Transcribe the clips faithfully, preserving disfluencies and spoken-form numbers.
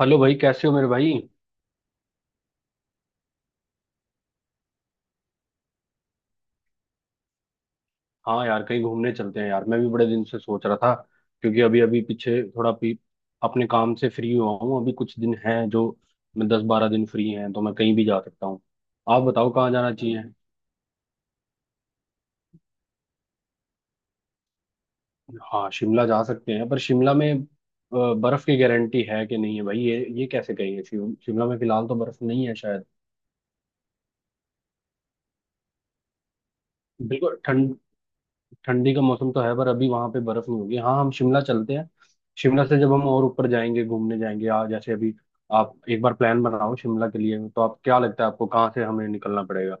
Hello भाई, कैसे हो मेरे भाई। हाँ यार, कहीं घूमने चलते हैं यार, मैं भी बड़े दिन से सोच रहा था। क्योंकि अभी अभी पीछे थोड़ा भी अपने काम से फ्री हुआ हूँ। अभी कुछ दिन हैं जो, मैं दस बारह दिन फ्री हैं तो मैं कहीं भी जा सकता हूँ। आप बताओ कहाँ जाना चाहिए? हाँ, शिमला जा सकते हैं, पर शिमला में अ, बर्फ की गारंटी है कि नहीं है भाई, ये ये कैसे कहेंगे, शिम- शिमला में फिलहाल तो बर्फ नहीं है शायद। बिल्कुल ठंड। ठंडी का मौसम तो है पर अभी वहां पे बर्फ नहीं होगी। हाँ, हम शिमला चलते हैं। शिमला से जब हम और ऊपर जाएंगे, घूमने जाएंगे, आ जैसे अभी आप एक बार प्लान बनाओ शिमला के लिए, तो आप क्या लगता है, आपको कहाँ से हमें निकलना पड़ेगा?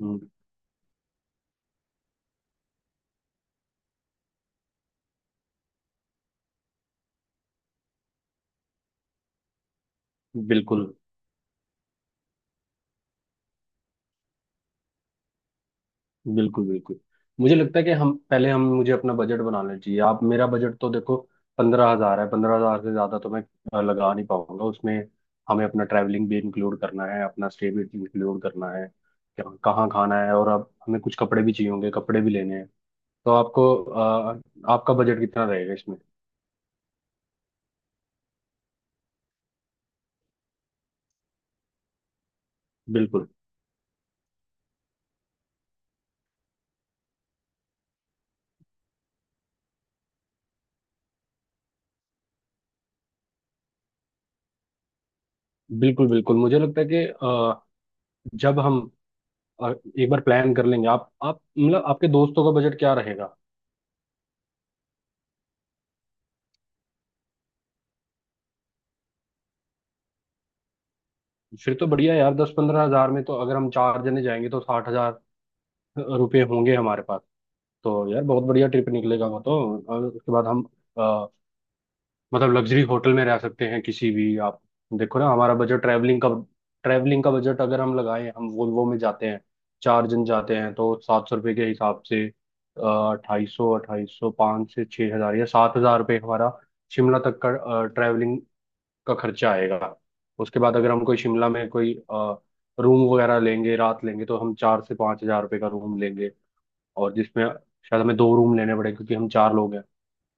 हम्म। बिल्कुल, बिल्कुल, बिल्कुल, मुझे लगता है कि हम पहले हम मुझे अपना बजट बनाना चाहिए। आप मेरा बजट तो देखो, पंद्रह हजार है, पंद्रह हजार से ज्यादा तो मैं अ, लगा नहीं पाऊंगा उसमें। हमें अपना ट्रैवलिंग भी इंक्लूड करना है, अपना स्टे भी इंक्लूड करना है, क्या- कहाँ खाना है, और अब हमें कुछ कपड़े भी चाहिए होंगे, कपड़े भी लेने हैं। तो आपको अ, आपका बजट कितना रहेगा इसमें? बिल्कुल, बिल्कुल, बिल्कुल, मुझे लगता है कि अ, जब हम अ, एक बार प्लान कर लेंगे, आप आप मतलब आपके दोस्तों का बजट क्या रहेगा? फिर तो बढ़िया है यार, दस पंद्रह हजार में तो अगर हम चार जने जाएंगे तो साठ हजार रुपये होंगे हमारे पास, तो यार बहुत बढ़िया ट्रिप निकलेगा वो तो। और उसके बाद हम मतलब लग्जरी होटल में रह सकते हैं किसी भी। आप देखो ना, हमारा बजट ट्रैवलिंग का ट्रैवलिंग का बजट अगर हम लगाएं, हम वोल्वो में जाते हैं, चार जन जाते हैं, तो सात सौ रुपये के हिसाब से अट्ठाई सौ, अट्ठाई सौ, पाँच से छः हज़ार या सात हज़ार रुपये हमारा शिमला तक का ट्रैवलिंग का खर्चा आएगा। उसके बाद अगर हम कोई शिमला में कोई रूम वगैरह लेंगे, रात लेंगे, तो हम चार से पाँच हज़ार रुपये का रूम लेंगे, और जिसमें शायद हमें दो रूम लेने पड़े क्योंकि हम चार लोग हैं।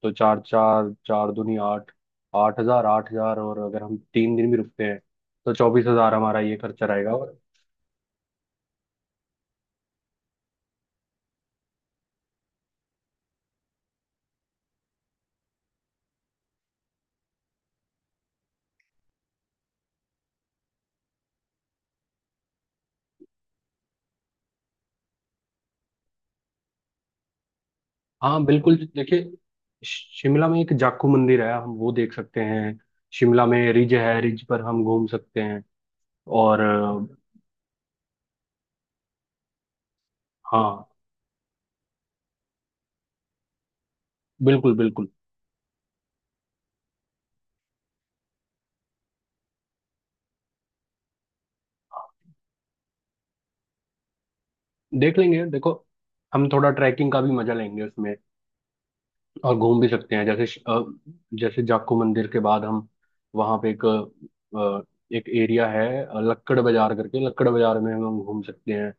तो चार, चार चार दूनी आठ, आठ हजार, आठ हजार, और अगर हम तीन दिन भी रुकते हैं तो चौबीस हजार हमारा ये खर्चा रहेगा। और हाँ, बिल्कुल, देखिए, शिमला में एक जाखू मंदिर है, हम वो देख सकते हैं। शिमला में रिज है, रिज पर हम घूम सकते हैं। और अ, हाँ, बिल्कुल, बिल्कुल। देख लेंगे। देखो, हम थोड़ा ट्रैकिंग का भी मजा लेंगे उसमें, और घूम भी सकते हैं। जैसे श- अ, जैसे जाखू मंदिर के बाद हम वहाँ पे एक अ, एक एरिया है, अ, लक्कड़ बाजार करके, लक्कड़ बाजार में हम घूम सकते हैं।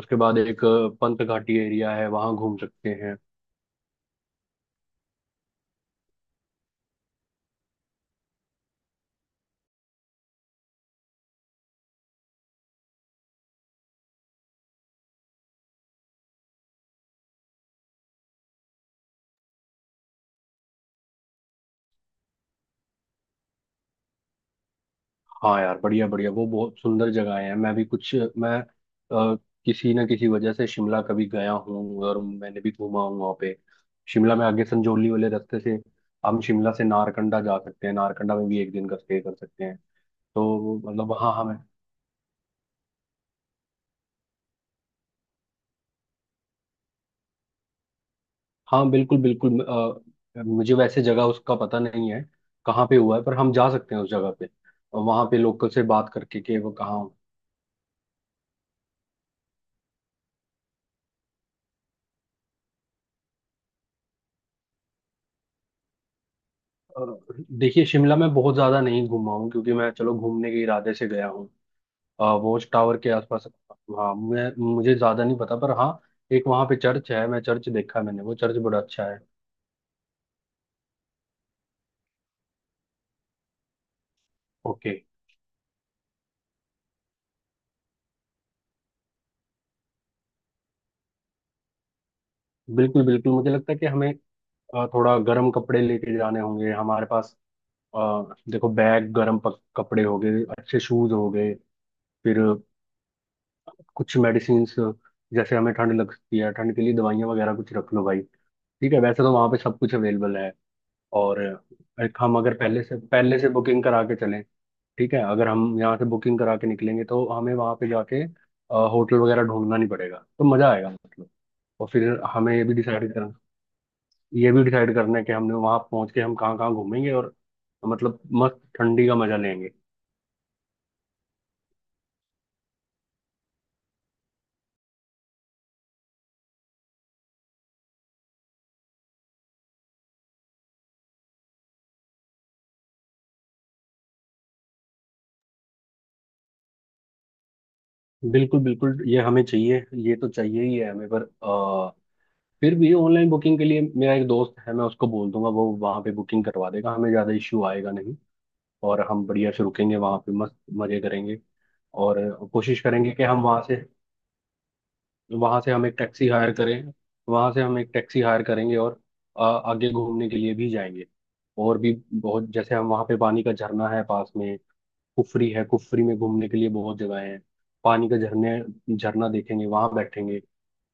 उसके बाद एक अ, पंत घाटी एरिया है, वहाँ घूम सकते हैं। हाँ यार, बढ़िया, बढ़िया, वो बहुत सुंदर जगह है। मैं भी कुछ मैं अ, किसी ना किसी वजह से शिमला कभी गया हूँ, और मैंने भी घूमा हूँ वहाँ पे। शिमला में आगे संजौली वाले रास्ते से हम शिमला से नारकंडा जा सकते हैं, नारकंडा में भी एक दिन का स्टे कर सकते हैं। तो मतलब वहाँ हमें, हाँ, बिल्कुल, बिल्कुल। अ, मुझे वैसे जगह उसका पता नहीं है, कहाँ पे हुआ है, पर हम जा सकते हैं उस जगह पे, वहां पे लोकल से बात करके कि वो कहाँ। अ, देखिए, शिमला में बहुत ज्यादा नहीं घूमा हूँ, क्योंकि मैं चलो घूमने के इरादे से गया हूँ। अ, वॉच टावर के आसपास, हाँ, मैं मुझे ज्यादा नहीं पता, पर हाँ, एक वहाँ पे चर्च है, मैं चर्च देखा, मैंने वो चर्च बड़ा अच्छा है। ओके। बिल्कुल, बिल्कुल, मुझे लगता है कि हमें अ, थोड़ा गर्म कपड़े लेके जाने होंगे हमारे पास। अ, देखो, बैग, गर्म पक- कपड़े हो गए, अच्छे शूज हो गए, फिर कुछ मेडिसिन, जैसे हमें ठंड लगती है, ठंड के लिए दवाइयाँ वगैरह कुछ रख लो भाई। ठीक है, वैसे तो वहाँ पे सब कुछ अवेलेबल है। और एक, हम अगर पहले से पहले से बुकिंग करा के चलें, ठीक है, अगर हम यहाँ से बुकिंग करा के निकलेंगे तो हमें वहाँ पे जाके होटल वगैरह ढूंढना नहीं पड़ेगा, तो मज़ा आएगा मतलब। और फिर हमें ये भी डिसाइड करना ये भी डिसाइड करना है कि हमने वहाँ पहुँच के हम कहाँ कहाँ घूमेंगे, और मतलब मस्त ठंडी का मज़ा लेंगे। बिल्कुल, बिल्कुल, ये हमें चाहिए, ये तो चाहिए ही है हमें। पर फिर भी ऑनलाइन बुकिंग के लिए मेरा एक दोस्त है, मैं उसको बोल दूंगा, वो वहाँ पे बुकिंग करवा देगा, हमें ज़्यादा इश्यू आएगा नहीं। और हम बढ़िया से रुकेंगे वहाँ पे, मस्त मज़े करेंगे। और कोशिश करेंगे कि हम वहाँ से, वहाँ से हम एक टैक्सी हायर करें वहाँ से हम एक टैक्सी हायर करेंगे, और आ, आगे घूमने के लिए भी जाएंगे। और भी बहुत, जैसे हम वहाँ पे, पानी का झरना है पास में, कुफरी है, कुफरी में घूमने के लिए बहुत जगह है। पानी का झरने झरना देखेंगे, वहाँ बैठेंगे,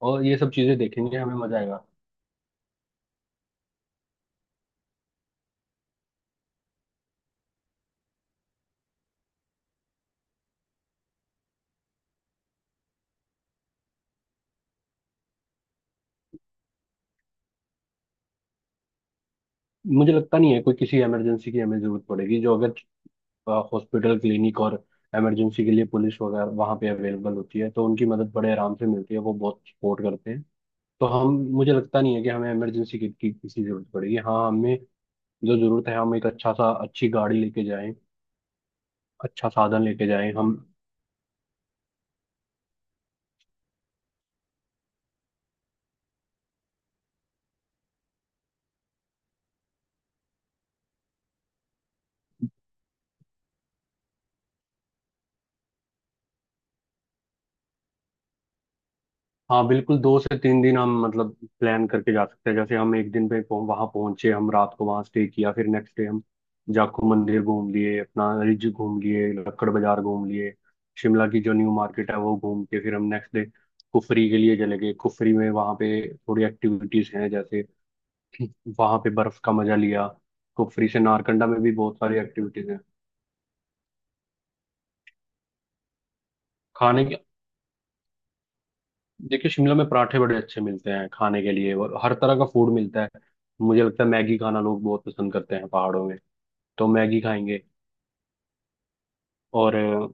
और ये सब चीज़ें देखेंगे, हमें मज़ा आएगा। मुझे लगता नहीं है कोई किसी इमरजेंसी की हमें जरूरत पड़ेगी, जो अगर हॉस्पिटल, क्लिनिक और इमरजेंसी के लिए पुलिस वगैरह वहाँ पे अवेलेबल होती है, तो उनकी मदद बड़े आराम से मिलती है, वो बहुत सपोर्ट करते हैं। तो हम मुझे लगता नहीं है कि हमें इमरजेंसी किट की किसी जरूरत पड़ेगी। हाँ, हमें जो जरूरत है, हम एक अच्छा सा, अच्छी गाड़ी लेके जाएं अच्छा साधन लेके जाएं हम। हाँ, बिल्कुल, दो से तीन दिन हम मतलब प्लान करके जा सकते हैं। जैसे हम एक दिन पे पहुं, वहां पहुंचे, हम रात को वहां स्टे किया, फिर नेक्स्ट डे हम जाखू मंदिर घूम लिए, अपना रिज घूम लिए, लक्कड़ बाजार घूम लिए, शिमला की जो न्यू मार्केट है वो घूम के, फिर हम नेक्स्ट डे कुफरी के लिए चले गए। कुफरी में वहाँ पे थोड़ी एक्टिविटीज हैं, जैसे वहाँ पे बर्फ का मजा लिया। कुफरी से नारकंडा में भी बहुत सारी एक्टिविटीज हैं। खाने की, देखिए, शिमला में पराठे बड़े अच्छे मिलते हैं खाने के लिए, और हर तरह का फूड मिलता है। मुझे लगता है मैगी खाना लोग बहुत पसंद करते हैं पहाड़ों में, तो मैगी खाएंगे। और अ,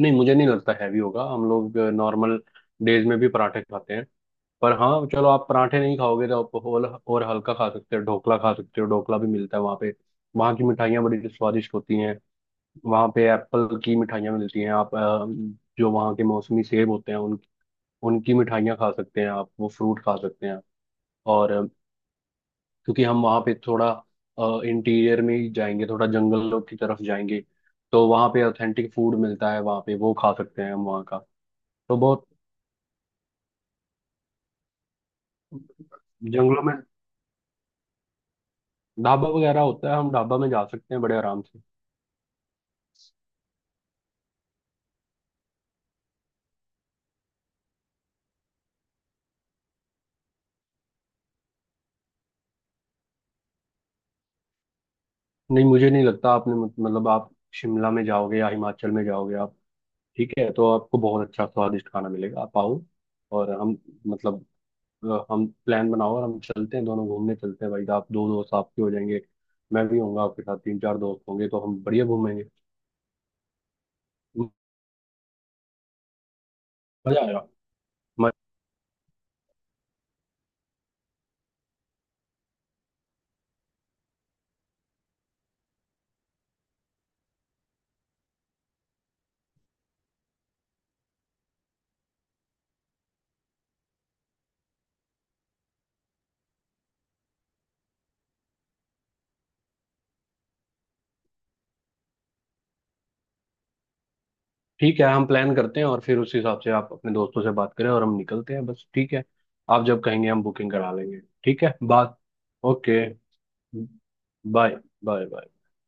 नहीं, मुझे नहीं लगता हैवी होगा, हम लोग नॉर्मल डेज में भी पराठे खाते हैं। पर हाँ, चलो, आप पराठे नहीं खाओगे तो आप और और हल्का खा सकते हो, ढोकला खा सकते हो, ढोकला भी मिलता है वहाँ पे। वहाँ की मिठाइयाँ बड़ी स्वादिष्ट होती हैं, वहाँ पे एप्पल की मिठाइयाँ मिलती हैं। आप अ, जो वहाँ के मौसमी सेब होते हैं, उन उनकी मिठाइयाँ खा सकते हैं, आप वो फ्रूट खा सकते हैं। और अ, क्योंकि हम वहाँ पे थोड़ा इंटीरियर में ही जाएंगे, थोड़ा जंगलों की तरफ जाएंगे, तो वहाँ पे ऑथेंटिक फूड मिलता है, वहाँ पे वो खा सकते हैं, हम वहाँ का। तो बहुत जंगलों में ढाबा वगैरह होता है, हम ढाबा में जा सकते हैं बड़े आराम से। नहीं, मुझे नहीं लगता, आपने मत- मतलब आप शिमला में जाओगे या हिमाचल में जाओगे आप, ठीक है, तो आपको बहुत अच्छा स्वादिष्ट खाना मिलेगा। आप आओ, और हम मतलब अ, हम प्लान बनाओ, और हम चलते हैं दोनों, घूमने चलते हैं भाई, आप दो दोस्त आपके हो जाएंगे, मैं भी होऊंगा आपके साथ, तीन चार दोस्त होंगे, तो हम बढ़िया घूमेंगे। मजा आएगा। म- ठीक है, हम प्लान करते हैं, और फिर उस हिसाब से आप अपने दोस्तों से बात करें, और हम निकलते हैं बस, ठीक है। आप जब कहेंगे हम बुकिंग करा लेंगे, ठीक है बात। ओके। बाय। Bye bye.